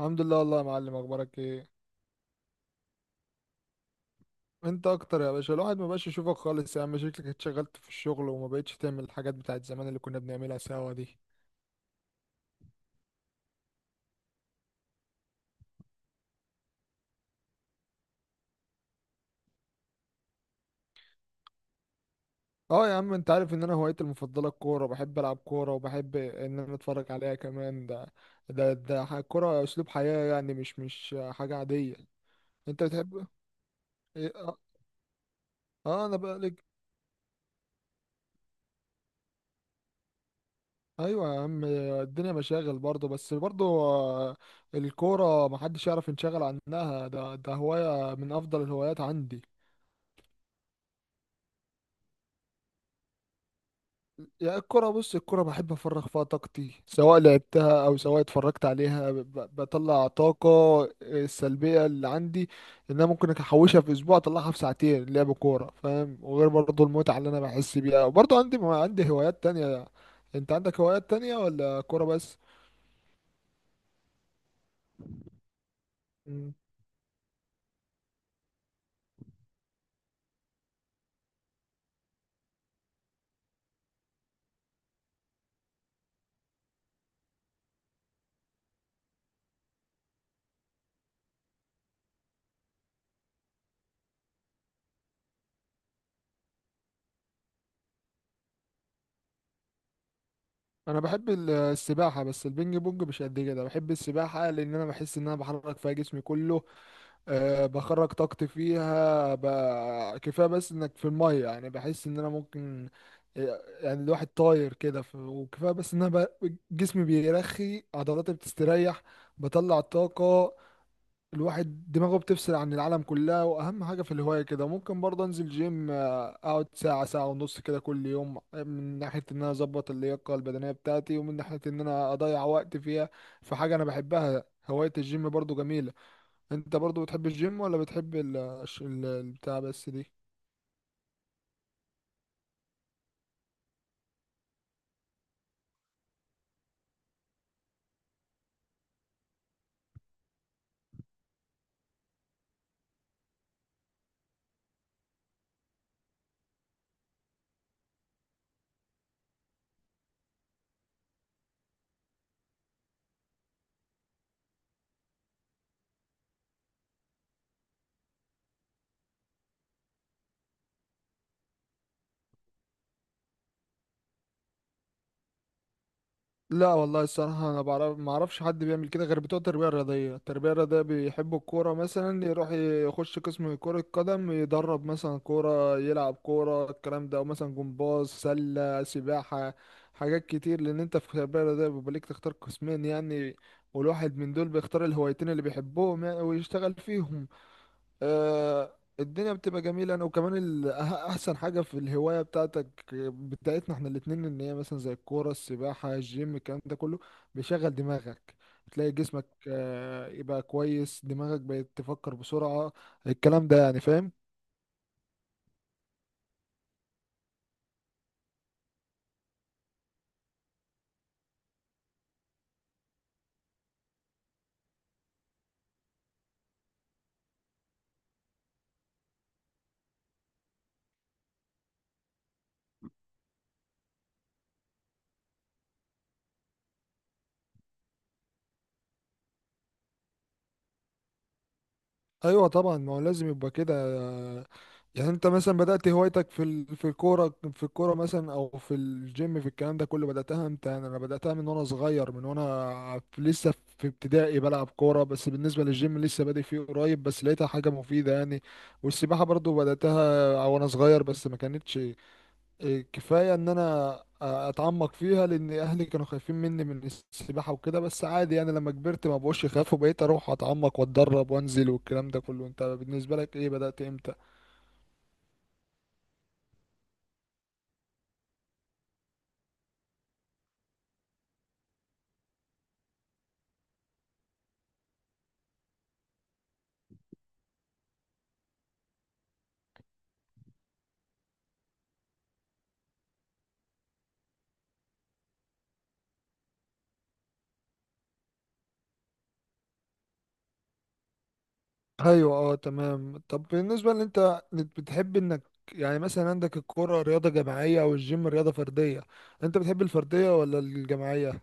الحمد لله والله، يا معلم، اخبارك ايه؟ انت اكتر يا باشا. الواحد ما بقاش يشوفك خالص يا عم، شكلك اتشغلت في الشغل وما بقتش تعمل الحاجات بتاعت زمان اللي كنا بنعملها سوا دي. اه يا عم، انت عارف ان انا هوايتي المفضله الكوره، بحب العب كوره وبحب ان انا اتفرج عليها كمان. الكوره اسلوب حياه، يعني مش حاجه عاديه. انت بتحب ايه؟ اه. آه، انا بقى لك. ايوه يا عم، الدنيا مشاغل برضه، بس برضه الكوره محدش يعرف ينشغل عنها، ده هوايه من افضل الهوايات عندي. يعني الكرة، بص، الكرة بحب أفرغ فيها طاقتي، سواء لعبتها أو سواء اتفرجت عليها. بطلع طاقة السلبية اللي عندي، إن أنا ممكن أحوشها في أسبوع أطلعها في ساعتين لعب كورة، فاهم، وغير برضه المتعة اللي أنا بحس بيها. وبرضه عندي هوايات تانية. أنت عندك هوايات تانية ولا كورة بس؟ مم. أنا بحب السباحة، بس البينج بونج مش قد كده. بحب السباحة لأن أنا بحس إن أنا بحرك فيها جسمي كله. أه بخرج طاقتي فيها كفايه بس انك في الميه، يعني بحس ان انا ممكن يعني الواحد طاير كده وكفايه بس ان انا جسمي بيرخي، عضلاتي بتستريح، بطلع الطاقه، الواحد دماغه بتفصل عن العالم كلها. واهم حاجه في الهوايه كده ممكن برضه انزل جيم اقعد ساعه، ساعه ونص كده كل يوم، من ناحيه ان انا اظبط اللياقه البدنيه بتاعتي ومن ناحيه ان انا اضيع وقت فيها في حاجه انا بحبها. هوايه الجيم برضه جميله. انت برضو بتحب الجيم ولا بتحب البتاع بس دي؟ لا والله الصراحة أنا ما أعرفش حد بيعمل كده غير بتوع التربية الرياضية، التربية الرياضية بيحبوا الكورة، مثلا يروح يخش قسم كرة قدم، يدرب مثلا كورة، يلعب كورة الكلام ده، أو مثلا جمباز، سلة، سباحة، حاجات كتير، لأن أنت في التربية الرياضية بيبقى ليك تختار قسمين يعني، والواحد من دول بيختار الهوايتين اللي بيحبهم يعني ويشتغل فيهم. الدنيا بتبقى جميلة. انا وكمان احسن حاجة في الهواية بتاعتنا احنا الاتنين، ان هي مثلا زي الكورة، السباحة، الجيم، الكلام ده كله بيشغل دماغك. بتلاقي جسمك يبقى كويس، دماغك بقت تفكر بسرعة، الكلام ده يعني، فاهم. ايوه طبعا، ما هو لازم يبقى كده. يعني انت مثلا بدأت هوايتك في في الكوره مثلا او في الجيم، في الكلام ده كله، بدأتها امتى؟ يعني انا بدأتها من وانا صغير، من وانا لسه في ابتدائي بلعب كوره. بس بالنسبه للجيم لسه بادئ فيه قريب، بس لقيتها حاجه مفيده يعني. والسباحه برضو بدأتها وانا صغير، بس ما كانتش كفاية ان انا اتعمق فيها لان اهلي كانوا خايفين مني من السباحة وكده، بس عادي يعني، لما كبرت ما بقوش يخافوا، بقيت اروح اتعمق واتدرب وانزل والكلام ده كله. انت بالنسبة لك ايه، بدأت امتى؟ ايوه اه تمام. طب بالنسبة ان انت بتحب انك، يعني مثلا عندك الكرة رياضة جماعية والجيم رياضة فردية، انت بتحب الفردية ولا الجماعية؟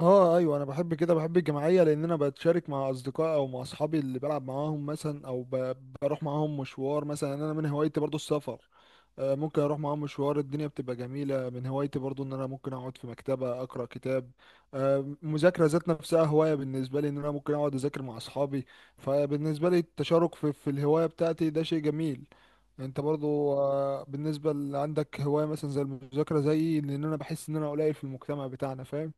اه ايوه، انا بحب كده، بحب الجماعيه لان انا بتشارك مع اصدقائي او مع اصحابي اللي بلعب معاهم مثلا، او بروح معاهم مشوار مثلا. يعني انا من هوايتي برضو السفر، ممكن اروح معاهم مشوار، الدنيا بتبقى جميله. من هوايتي برضو ان انا ممكن اقعد في مكتبه اقرا كتاب. مذاكره ذات نفسها هوايه بالنسبه لي، ان انا ممكن اقعد اذاكر مع اصحابي. فبالنسبه لي التشارك في الهوايه بتاعتي ده شيء جميل. انت برضو بالنسبه اللي عندك هوايه مثلا زي المذاكره زيي، لان انا بحس ان انا قليل في المجتمع بتاعنا، فاهم.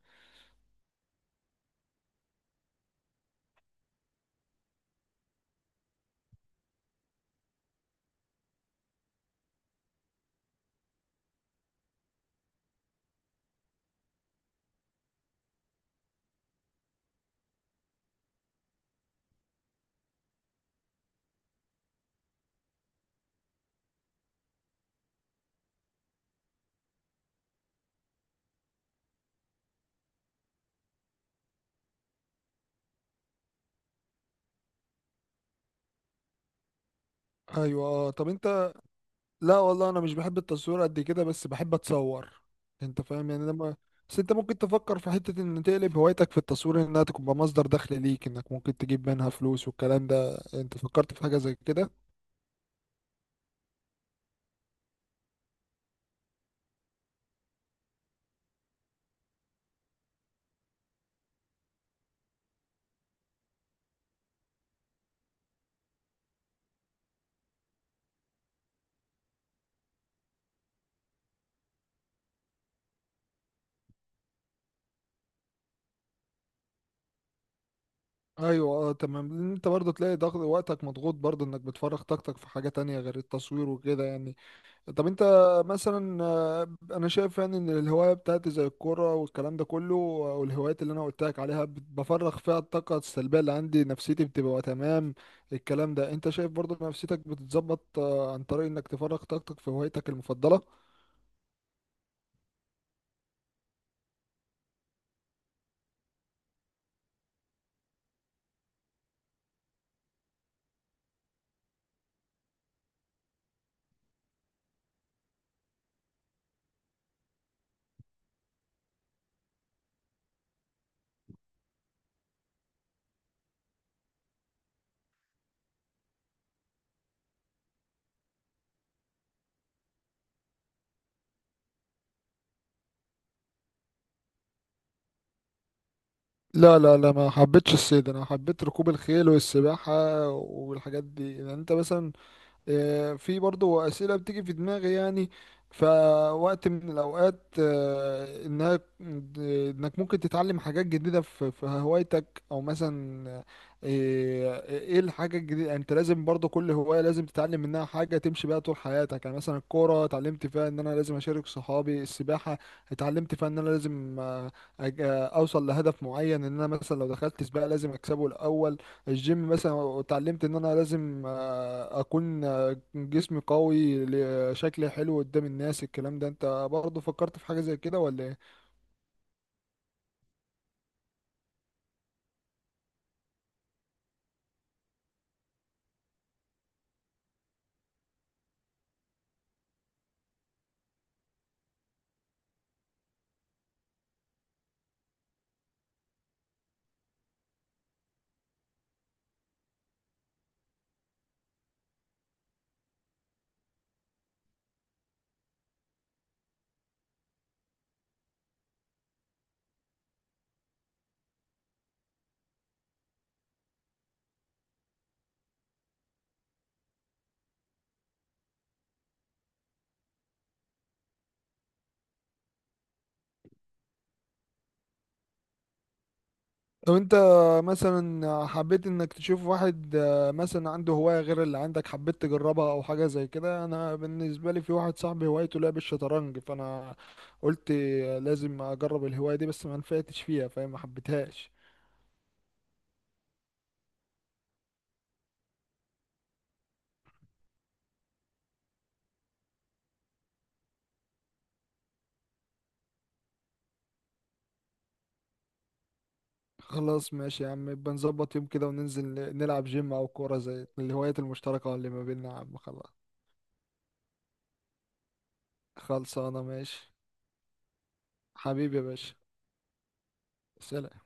ايوه طب انت، لا والله انا مش بحب التصوير قد كده، بس بحب اتصور، انت فاهم يعني لما. بس انت ممكن تفكر في حتة ان تقلب هوايتك في التصوير، انها تبقى مصدر دخل ليك، انك ممكن تجيب منها فلوس والكلام ده. انت فكرت في حاجة زي كده؟ ايوه اه تمام، لان انت برضه تلاقي ضغط، وقتك مضغوط برضه، انك بتفرغ طاقتك في حاجة تانية غير التصوير وكده يعني. طب انت مثلا، انا شايف يعني ان الهواية بتاعتي زي الكورة والكلام ده كله، والهوايات اللي انا قلت لك عليها بفرغ فيها الطاقة السلبية اللي عندي، نفسيتي بتبقى تمام. الكلام ده انت شايف برضه نفسيتك بتتظبط عن طريق انك تفرغ طاقتك في هوايتك المفضلة. لا لا لا، ما حبيتش الصيد، انا حبيت ركوب الخيل والسباحة والحاجات دي يعني. انت مثلا، في برضو أسئلة بتيجي في دماغي يعني، فوقت من الأوقات إنك ممكن تتعلم حاجات جديدة في هوايتك، أو مثلا إيه الحاجة الجديدة يعني، أنت لازم برضو كل هواية لازم تتعلم منها حاجة تمشي بيها طول حياتك. يعني مثلا الكورة اتعلمت فيها إن أنا لازم أشارك صحابي، السباحة اتعلمت فيها إن أنا لازم أوصل لهدف معين، إن أنا مثلا لو دخلت سباق لازم أكسبه الأول. الجيم مثلا اتعلمت ان انا لازم اكون جسمي قوي، شكلي حلو قدام الناس. الكلام ده انت برضه فكرت في حاجة زي كده ولا ايه؟ لو انت مثلا حبيت انك تشوف واحد، مثلا عنده هواية غير اللي عندك، حبيت تجربها او حاجة زي كده، انا بالنسبة لي في واحد صاحبي هوايته لعب الشطرنج، فانا قلت لازم اجرب الهواية دي، بس ما نفعتش فيها فاهم، ما حبيتهاش. خلاص ماشي يا عم، يبقى نظبط يوم كده وننزل نلعب جيم او كورة زي الهوايات المشتركة اللي ما بيننا، يا عم خلاص. خلصانة ماشي. حبيبي يا باشا. سلام.